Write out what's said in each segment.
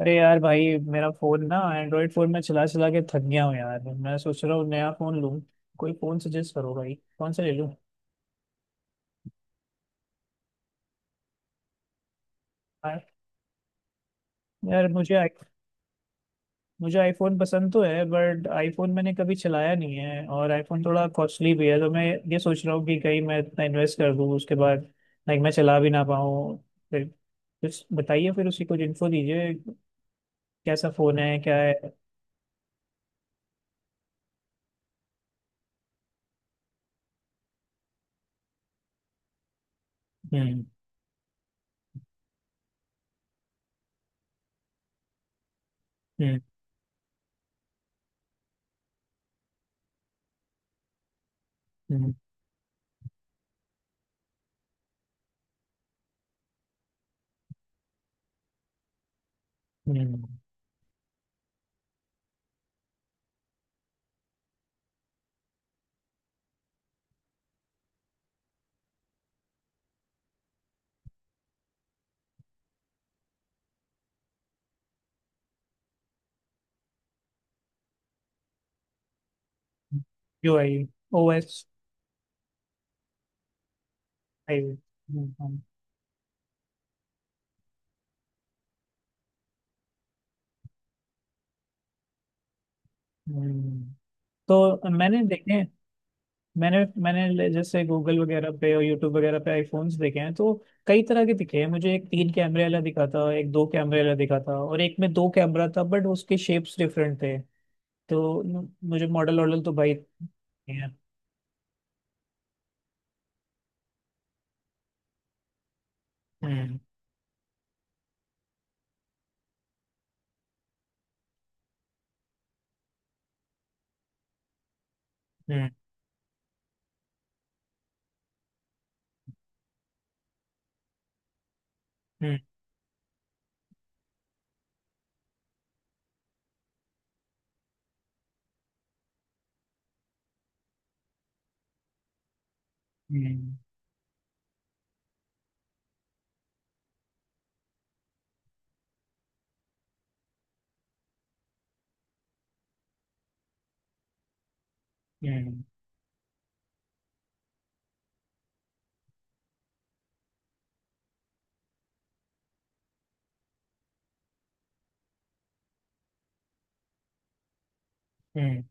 अरे यार भाई, मेरा फोन ना, एंड्रॉइड फोन में चला चला के थक गया हूँ यार। मैं सोच रहा हूँ नया फोन लूँ। कोई फोन सजेस्ट करो भाई, कौन सा ले लूँ। यार, यार, मुझे आईफोन पसंद तो है, बट आईफोन मैंने कभी चलाया नहीं है और आईफोन थोड़ा कॉस्टली भी है। तो मैं ये सोच रहा हूँ कि कहीं मैं इतना इन्वेस्ट कर दूँ, उसके बाद लाइक मैं चला भी ना पाऊँ। फिर कुछ बताइए, फिर उसी कुछ इन्फो दीजिए, कैसा फोन है, क्या है। हम्म। हम्म। हम्म। हम्म। UI। OS। आई हम्म। तो मैंने देखे। मैंने मैंने ले- जैसे गूगल वगैरह पे और यूट्यूब वगैरह पे आईफोन्स देखे हैं, तो कई तरह के दिखे हैं मुझे। एक तीन कैमरे वाला दिखा था, एक दो कैमरे वाला दिखा था, और एक में दो कैमरा था, बट उसके शेप्स डिफरेंट थे। तो मुझे मॉडल वॉडल तो भाई। हम्म। हम्म। हम्म। हम्म। हम्म। हम्म।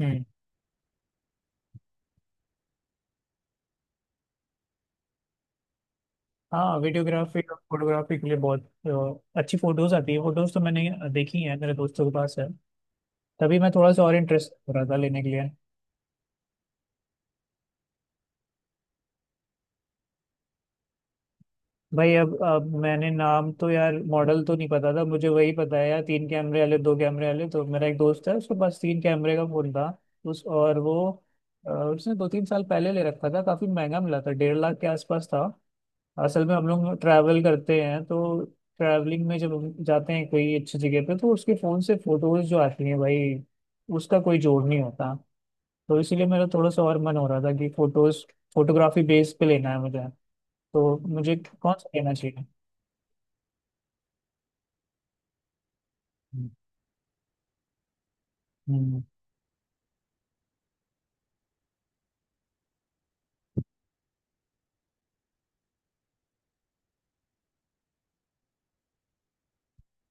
हम्म। हाँ, वीडियोग्राफी और फोटोग्राफी के लिए बहुत अच्छी फोटोज आती है। फोटोज तो मैंने देखी है, मेरे दोस्तों के पास है। तभी मैं थोड़ा सा और इंटरेस्ट हो रहा था लेने के लिए। भाई अब मैंने नाम तो यार, मॉडल तो नहीं पता था मुझे, वही पता है यार, तीन कैमरे वाले, दो कैमरे वाले। तो मेरा एक दोस्त है, उसके पास तीन कैमरे का फोन था। उस और वो उसने दो तीन साल पहले ले रखा था, काफी महंगा मिला था, 1.5 लाख के आसपास था। असल में हम लोग ट्रैवल करते हैं, तो ट्रैवलिंग में जब हम जाते हैं कोई अच्छी जगह पे, तो उसके फोन से फोटोज जो आती हैं भाई, उसका कोई जोड़ नहीं होता। तो इसीलिए मेरा थोड़ा सा और मन हो रहा था कि फोटोज, फोटोग्राफी बेस पे लेना है मुझे। तो मुझे कौन सा लेना चाहिए। हम्म।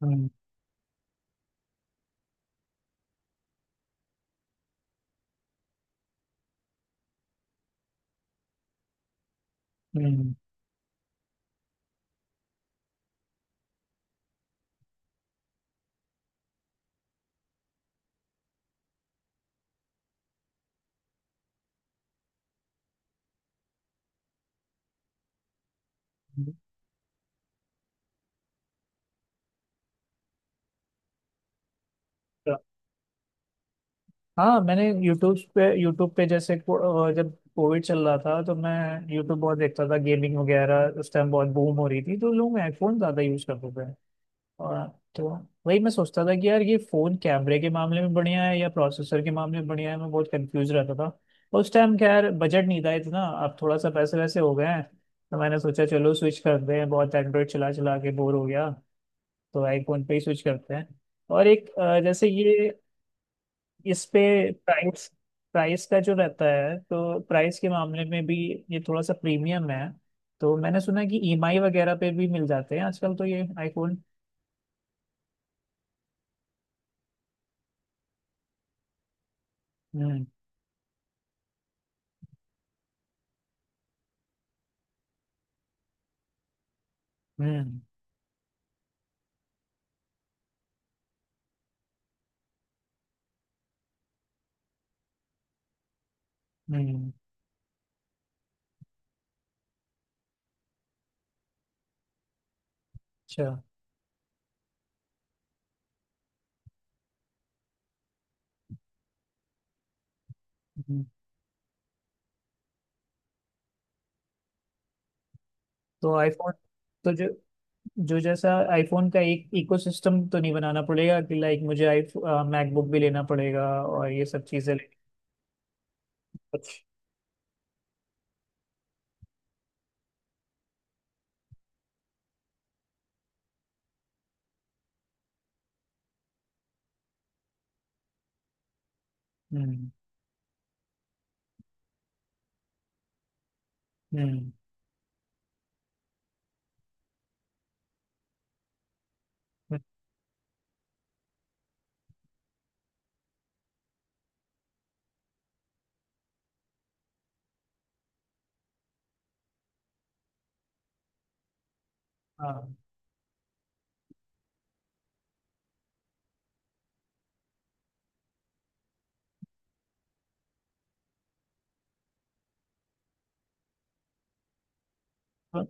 हम्म। हम्म। हम्म। हाँ, मैंने यूट्यूब पे, यूट्यूब पे जैसे जब कोविड चल रहा था तो मैं यूट्यूब बहुत देखता था, गेमिंग वगैरह। उस टाइम बहुत बूम हो रही थी, तो लोग आईफोन ज़्यादा यूज़ करते थे। और तो वही मैं सोचता था कि यार, ये फ़ोन कैमरे के मामले में बढ़िया है या प्रोसेसर के मामले में बढ़िया है, मैं बहुत कंफ्यूज रहता था उस टाइम। खैर, बजट नहीं था इतना, अब थोड़ा सा पैसे वैसे हो गए हैं, तो मैंने सोचा चलो स्विच करते हैं। बहुत एंड्रॉयड चला चला के बोर हो गया, तो आईफोन पे ही स्विच करते हैं। और एक जैसे ये, इस पे प्राइस प्राइस का जो रहता है, तो प्राइस के मामले में भी ये थोड़ा सा प्रीमियम है। तो मैंने सुना है कि ईएमआई वगैरह पे भी मिल जाते हैं आजकल, तो ये आईफोन। हम्म। हम्म। हम्म। अच्छा। हम्म। तो आईफोन, तो जो जो जैसा आईफोन का एक इकोसिस्टम तो नहीं बनाना पड़ेगा कि लाइक मुझे आई मैकबुक भी लेना पड़ेगा और ये सब चीजें लेनी। कुछ। हम्म। हम्म। हम्म, हाँ,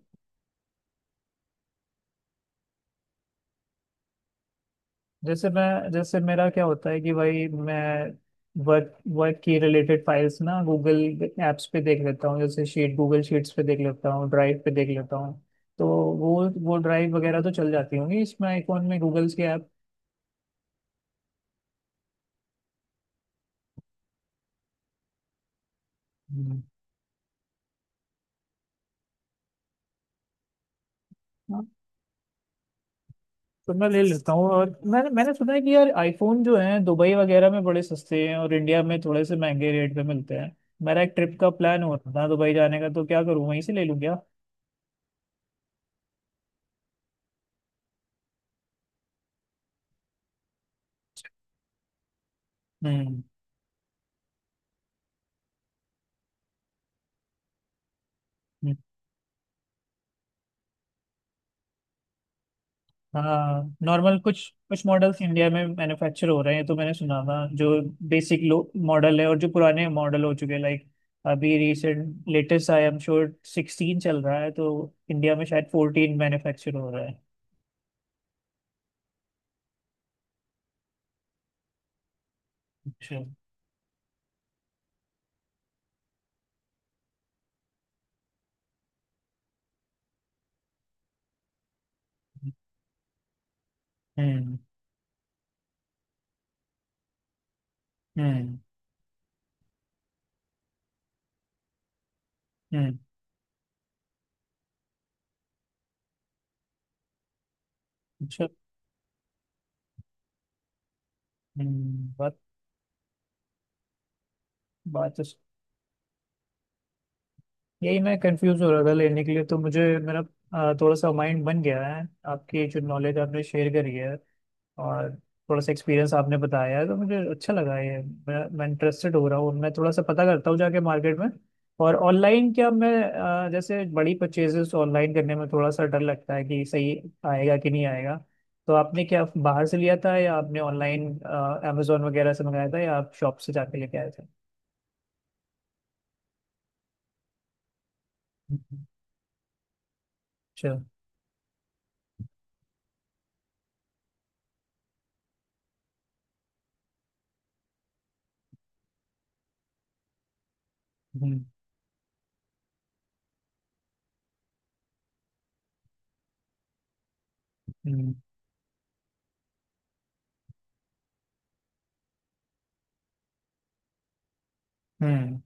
जैसे मैं, जैसे मेरा क्या होता है कि भाई मैं वर्क वर्क की रिलेटेड फाइल्स ना, गूगल एप्स पे देख लेता हूँ, जैसे शीट, गूगल शीट्स पे देख लेता हूँ, ड्राइव पे देख लेता हूँ। तो वो ड्राइव वगैरह तो चल जाती होंगी इसमें आईफोन में, गूगल्स के ऐप। हम्म। हाँ, तो मैं ले लेता हूँ। और मैंने, मैंने सुना है कि यार आईफोन जो है दुबई वगैरह में बड़े सस्ते हैं और इंडिया में थोड़े से महंगे रेट पे मिलते हैं। मेरा एक ट्रिप का प्लान हो रहा था दुबई जाने का, तो क्या करूँ वहीं से ले लूँ क्या। हम्म। हाँ, नॉर्मल, कुछ कुछ मॉडल्स इंडिया में मैन्युफैक्चर हो रहे हैं तो मैंने सुना था। जो बेसिक लो मॉडल है और जो पुराने मॉडल हो चुके हैं, लाइक अभी recent latest I am sure 16 चल रहा है, तो इंडिया में शायद 14 मैन्युफैक्चर हो रहा है। अच्छा। हम्म। हम्म। हम्म। अच्छा। हम्म। बात, बात तो स- यही मैं कंफ्यूज हो रहा था लेने के लिए। तो मुझे, मेरा थोड़ा सा माइंड बन गया है, आपकी जो नॉलेज आपने शेयर करी है और थोड़ा सा एक्सपीरियंस आपने बताया है, तो मुझे अच्छा लगा ये। मैं इंटरेस्टेड हो रहा हूँ। मैं थोड़ा सा पता करता हूँ जाके मार्केट में। और ऑनलाइन क्या, मैं जैसे बड़ी परचेजेस ऑनलाइन करने में थोड़ा सा डर लगता है कि सही आएगा कि नहीं आएगा। तो आपने क्या बाहर से लिया था या आपने ऑनलाइन अमेजोन वगैरह से मंगाया था, या आप शॉप से जाके लेके आए थे। अच्छा। हम्म। हम्म। हम्म।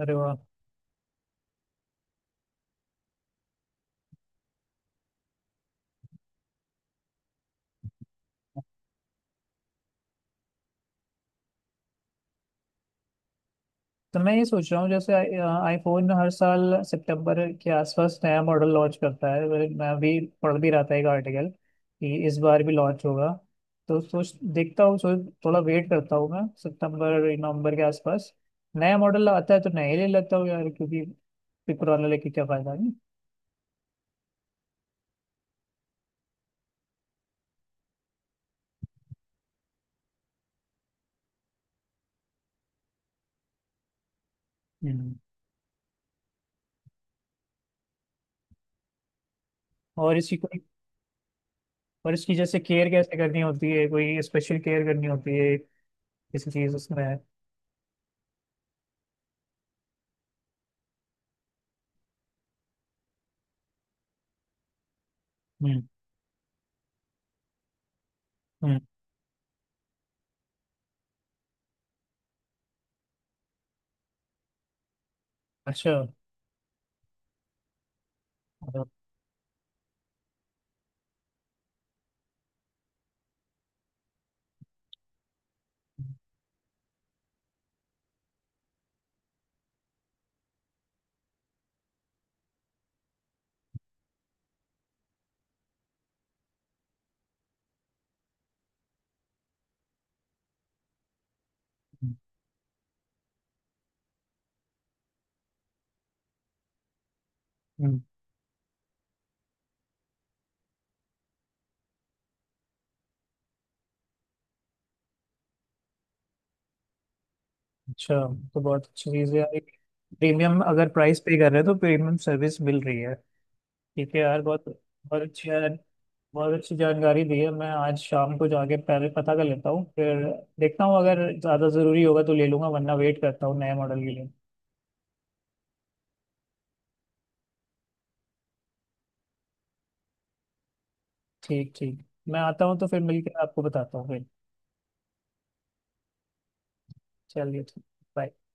अरे वाह। तो मैं ये सोच रहा हूँ, जैसे आईफोन हर साल सितंबर के आसपास नया मॉडल लॉन्च करता है। मैं भी पढ़ भी रहा था एक आर्टिकल कि इस बार भी लॉन्च होगा। तो सोच देखता हूँ। सोच, थोड़ा वेट करता हूँ मैं, सितंबर नवंबर के आसपास नया मॉडल आता है तो नया ही ले लेता हूँ यार, क्योंकि फिर पुराना लेके क्या फायदा, नहीं। हम्म। और इसकी कोई, और इसकी जैसे केयर कैसे करनी होती है, कोई स्पेशल केयर करनी होती है किसी चीज़ उसमें। हम्म। हम्म। अच्छा। हम्म। हम्म। अच्छा। तो बहुत अच्छी चीज़ है यार, एक प्रीमियम अगर प्राइस पे कर रहे हैं, तो प्रीमियम सर्विस मिल रही है। ठीक है यार, बहुत बहुत अच्छी यार। बहुत अच्छी जानकारी दी है। मैं आज शाम को जाके पहले पता कर लेता हूँ, फिर देखता हूँ, अगर ज़्यादा ज़रूरी होगा तो ले लूँगा वरना वेट करता हूँ नए मॉडल के लिए। ठीक, ठीक। मैं आता हूँ तो फिर मिलकर आपको बताता हूँ फिर। चलिए, ठीक। bye।